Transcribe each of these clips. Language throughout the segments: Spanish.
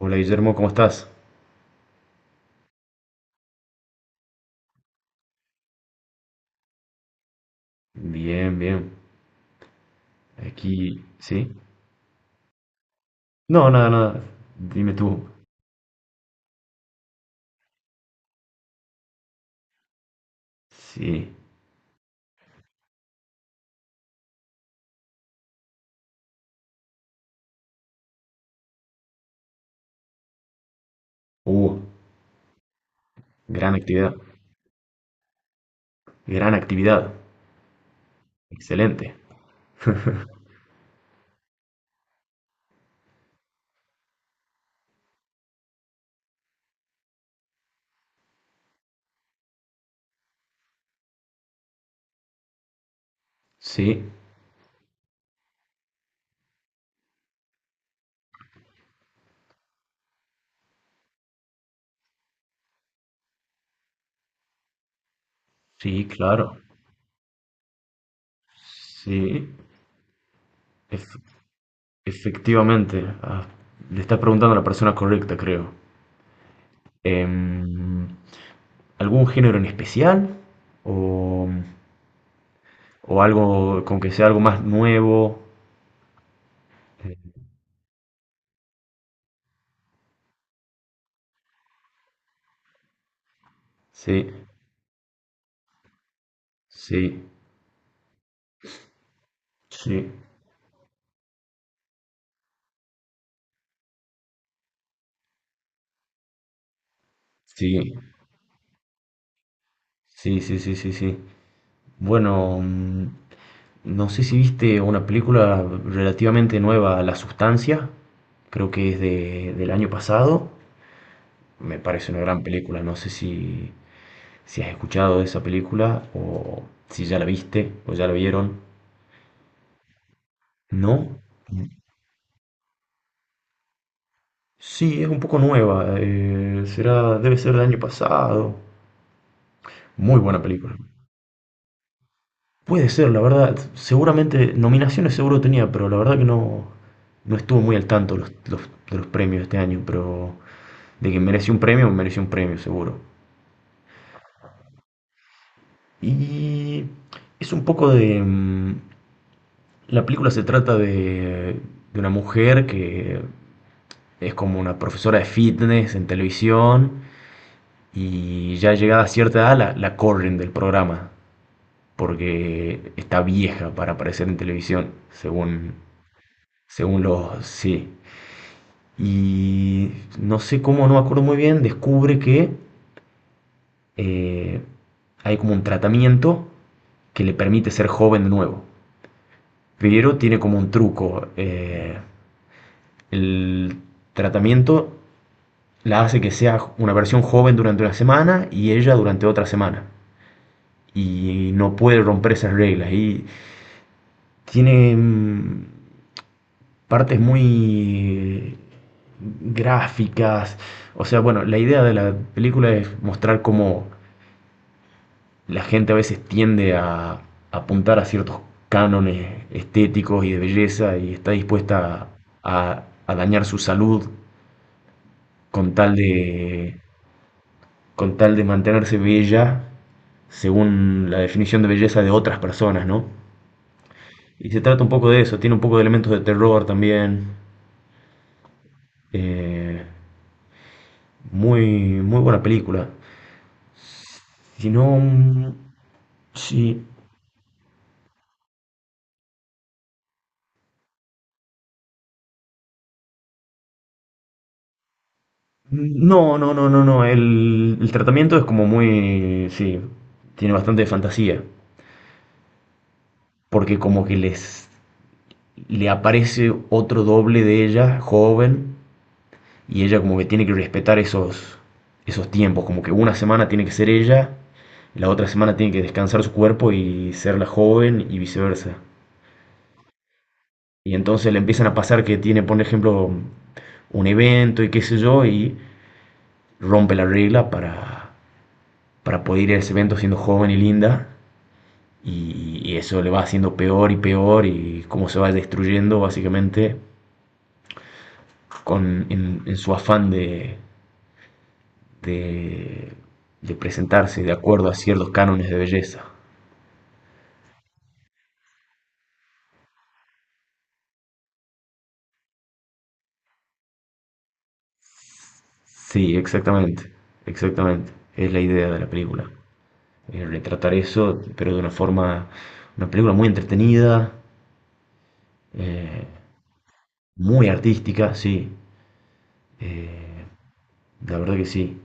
Hola, Guillermo, ¿cómo estás? Bien, bien. Aquí, ¿sí? No, nada, nada. Dime tú. Sí. Uh, gran actividad. Gran actividad. Excelente. Sí, sí, claro. Sí, ef- efectivamente. Le estás preguntando a la persona correcta, creo. Em, ¿Algún género en especial? ¿O, ¿o algo con que sea algo más nuevo? Eh, Sí, sí, sí, sí. Sí, sí, sí, sí, sí. Bueno, no sé si viste una película relativamente nueva, La Sustancia, creo que es del año pasado. Me parece una gran película, no sé si, si has escuchado de esa película o si ya la viste o ya la vieron. ¿No? Sí, es un poco nueva, será, debe ser del año pasado. Muy buena película. Puede ser, la verdad. Seguramente, nominaciones seguro tenía, pero la verdad que no, no estuve muy al tanto de los premios este año, pero de que mereció un premio seguro. Y es un poco de... la película se trata de una mujer que es como una profesora de fitness en televisión y ya llegada a cierta edad la corren del programa porque está vieja para aparecer en televisión, según, según los... Sí, y no sé cómo, no me acuerdo muy bien, descubre que eh, hay como un tratamiento que le permite ser joven de nuevo. Pero tiene como un truco. El tratamiento la hace que sea una versión joven durante una semana y ella durante otra semana. Y no puede romper esas reglas. Y tiene partes muy gráficas. O sea, bueno, la idea de la película es mostrar cómo la gente a veces tiende a apuntar a ciertos cánones estéticos y de belleza y está dispuesta a dañar su salud con tal de, con tal de mantenerse bella según la definición de belleza de otras personas, ¿no? Y se trata un poco de eso, tiene un poco de elementos de terror también. eh, Muy, muy buena película. Si no, sí, no, no, no, no, no. El tratamiento es como muy, sí, tiene bastante fantasía, porque como que les le aparece otro doble de ella, joven, y ella como que tiene que respetar esos tiempos, como que una semana tiene que ser ella, la otra semana tiene que descansar su cuerpo y ser la joven y viceversa. Y entonces le empiezan a pasar que tiene, por ejemplo, un evento y qué sé yo, y rompe la regla para poder ir a ese evento siendo joven y linda y eso le va haciendo peor y peor y cómo se va destruyendo básicamente con, en su afán de, de presentarse de acuerdo a ciertos cánones de belleza. Sí, exactamente, exactamente. Es la idea de la película. Retratar eso, pero de una forma, una película muy entretenida, eh, muy artística, sí. eh, la verdad que sí.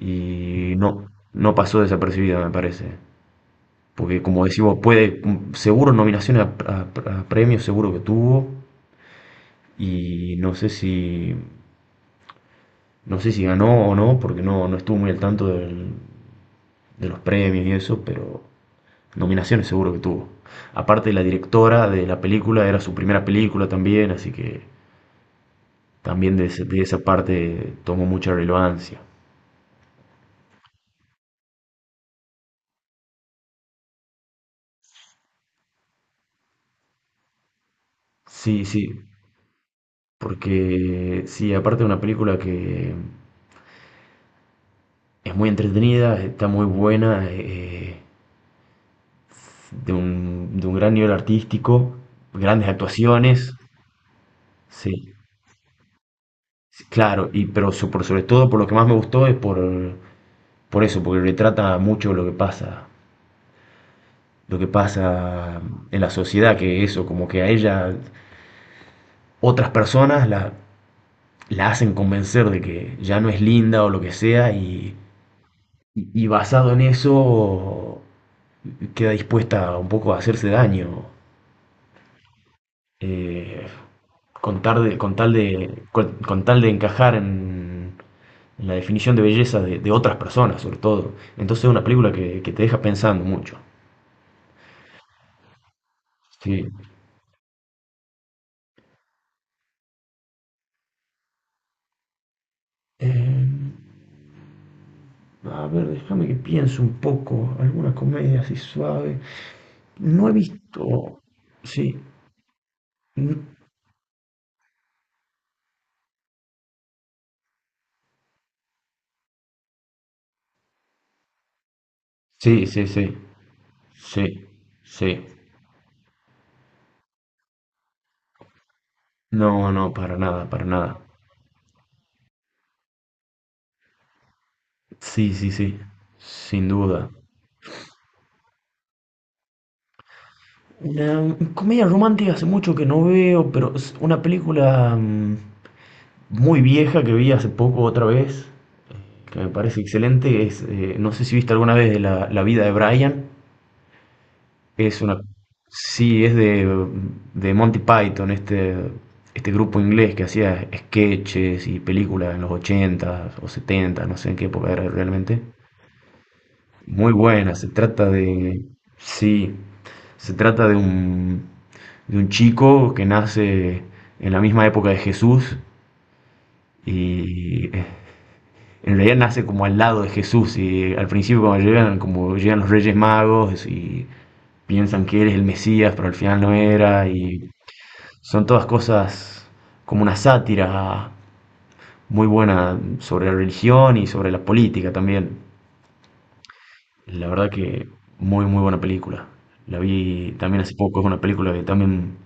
Y no, no pasó desapercibida, me parece. Porque como decís vos, puede, seguro nominaciones a, a premios, seguro que tuvo, y no sé si, no sé si ganó o no, porque no, no estuvo muy al tanto de los premios y eso, pero nominaciones seguro que tuvo. Aparte, la directora de la película era su primera película también, así que también de, de esa parte tomó mucha relevancia. Sí, sí, porque sí, aparte de una película que es muy entretenida, está muy buena, de un gran nivel artístico, grandes actuaciones, sí, sí, claro, y, pero por sobre todo por lo que más me gustó es por eso, porque retrata mucho lo que pasa en la sociedad, que eso, como que a ella otras personas la hacen convencer de que ya no es linda o lo que sea, y, y basado en eso queda dispuesta un poco a hacerse daño. Eh, con, con tal de encajar en la definición de belleza de otras personas, sobre todo. Entonces es una película que te deja pensando mucho. Sí. Eh, a ver, déjame que piense un poco. Alguna comedia así suave. No he visto. Sí. n- Sí, sí, sí. Sí, sí. No, no, para nada, para nada. Sí, sí, sí. Sin duda. Una comedia romántica hace mucho que no veo, pero es una película muy vieja que vi hace poco otra vez, que me parece excelente, es, no sé si viste alguna vez de la, la vida de Brian, es una, sí, es de Monty Python, este grupo inglés que hacía sketches y películas en los 80 o setenta, no sé en qué época era realmente. Muy buena, se trata de, sí, se trata de un chico que nace en la misma época de Jesús y... en realidad nace como al lado de Jesús y al principio cuando llegan, como llegan los Reyes Magos y piensan que él es el Mesías, pero al final no era y son todas cosas como una sátira muy buena sobre la religión y sobre la política también. La verdad que muy muy buena película. La vi también hace poco, es una película que también,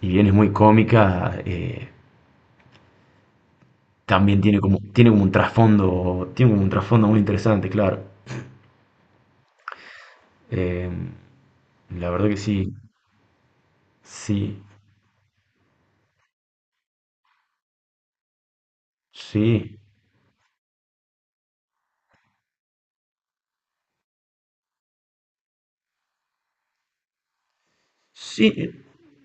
si bien es muy cómica, también tiene como un trasfondo, tiene como un trasfondo muy interesante, claro. Eh, la verdad que sí, sí, sí, sí,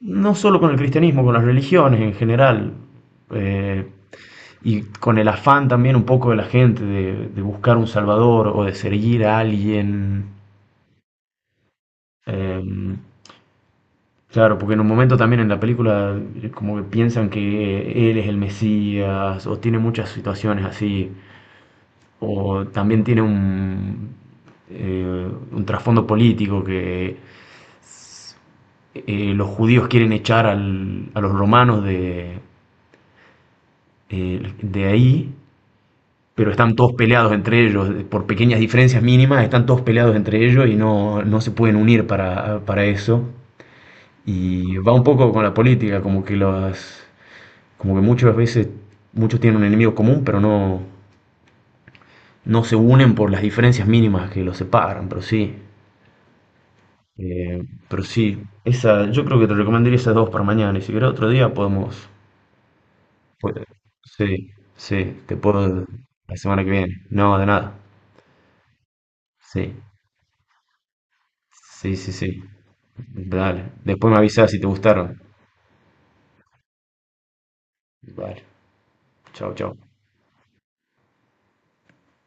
no solo con el cristianismo, con las religiones en general, eh, y con el afán también un poco de la gente de buscar un salvador o de seguir a alguien. eh, claro, porque en un momento también en la película como que piensan que él es el Mesías, o tiene muchas situaciones así, o también tiene un trasfondo político que los judíos quieren echar a los romanos de ahí, pero están todos peleados entre ellos, por pequeñas diferencias mínimas, están todos peleados entre ellos y no, no se pueden unir para eso. Y va un poco con la política, como que las, como que muchas veces muchos tienen un enemigo común, pero no, no se unen por las diferencias mínimas que los separan, pero sí. eh, pero sí, esa, yo creo que te recomendaría esas dos para mañana y si querés otro día podemos... Pues, sí, sí, te puedo la semana que viene. No, de nada. Sí, sí, sí, sí. Dale. Después me avisas si te gustaron. Vale. Chau, chau.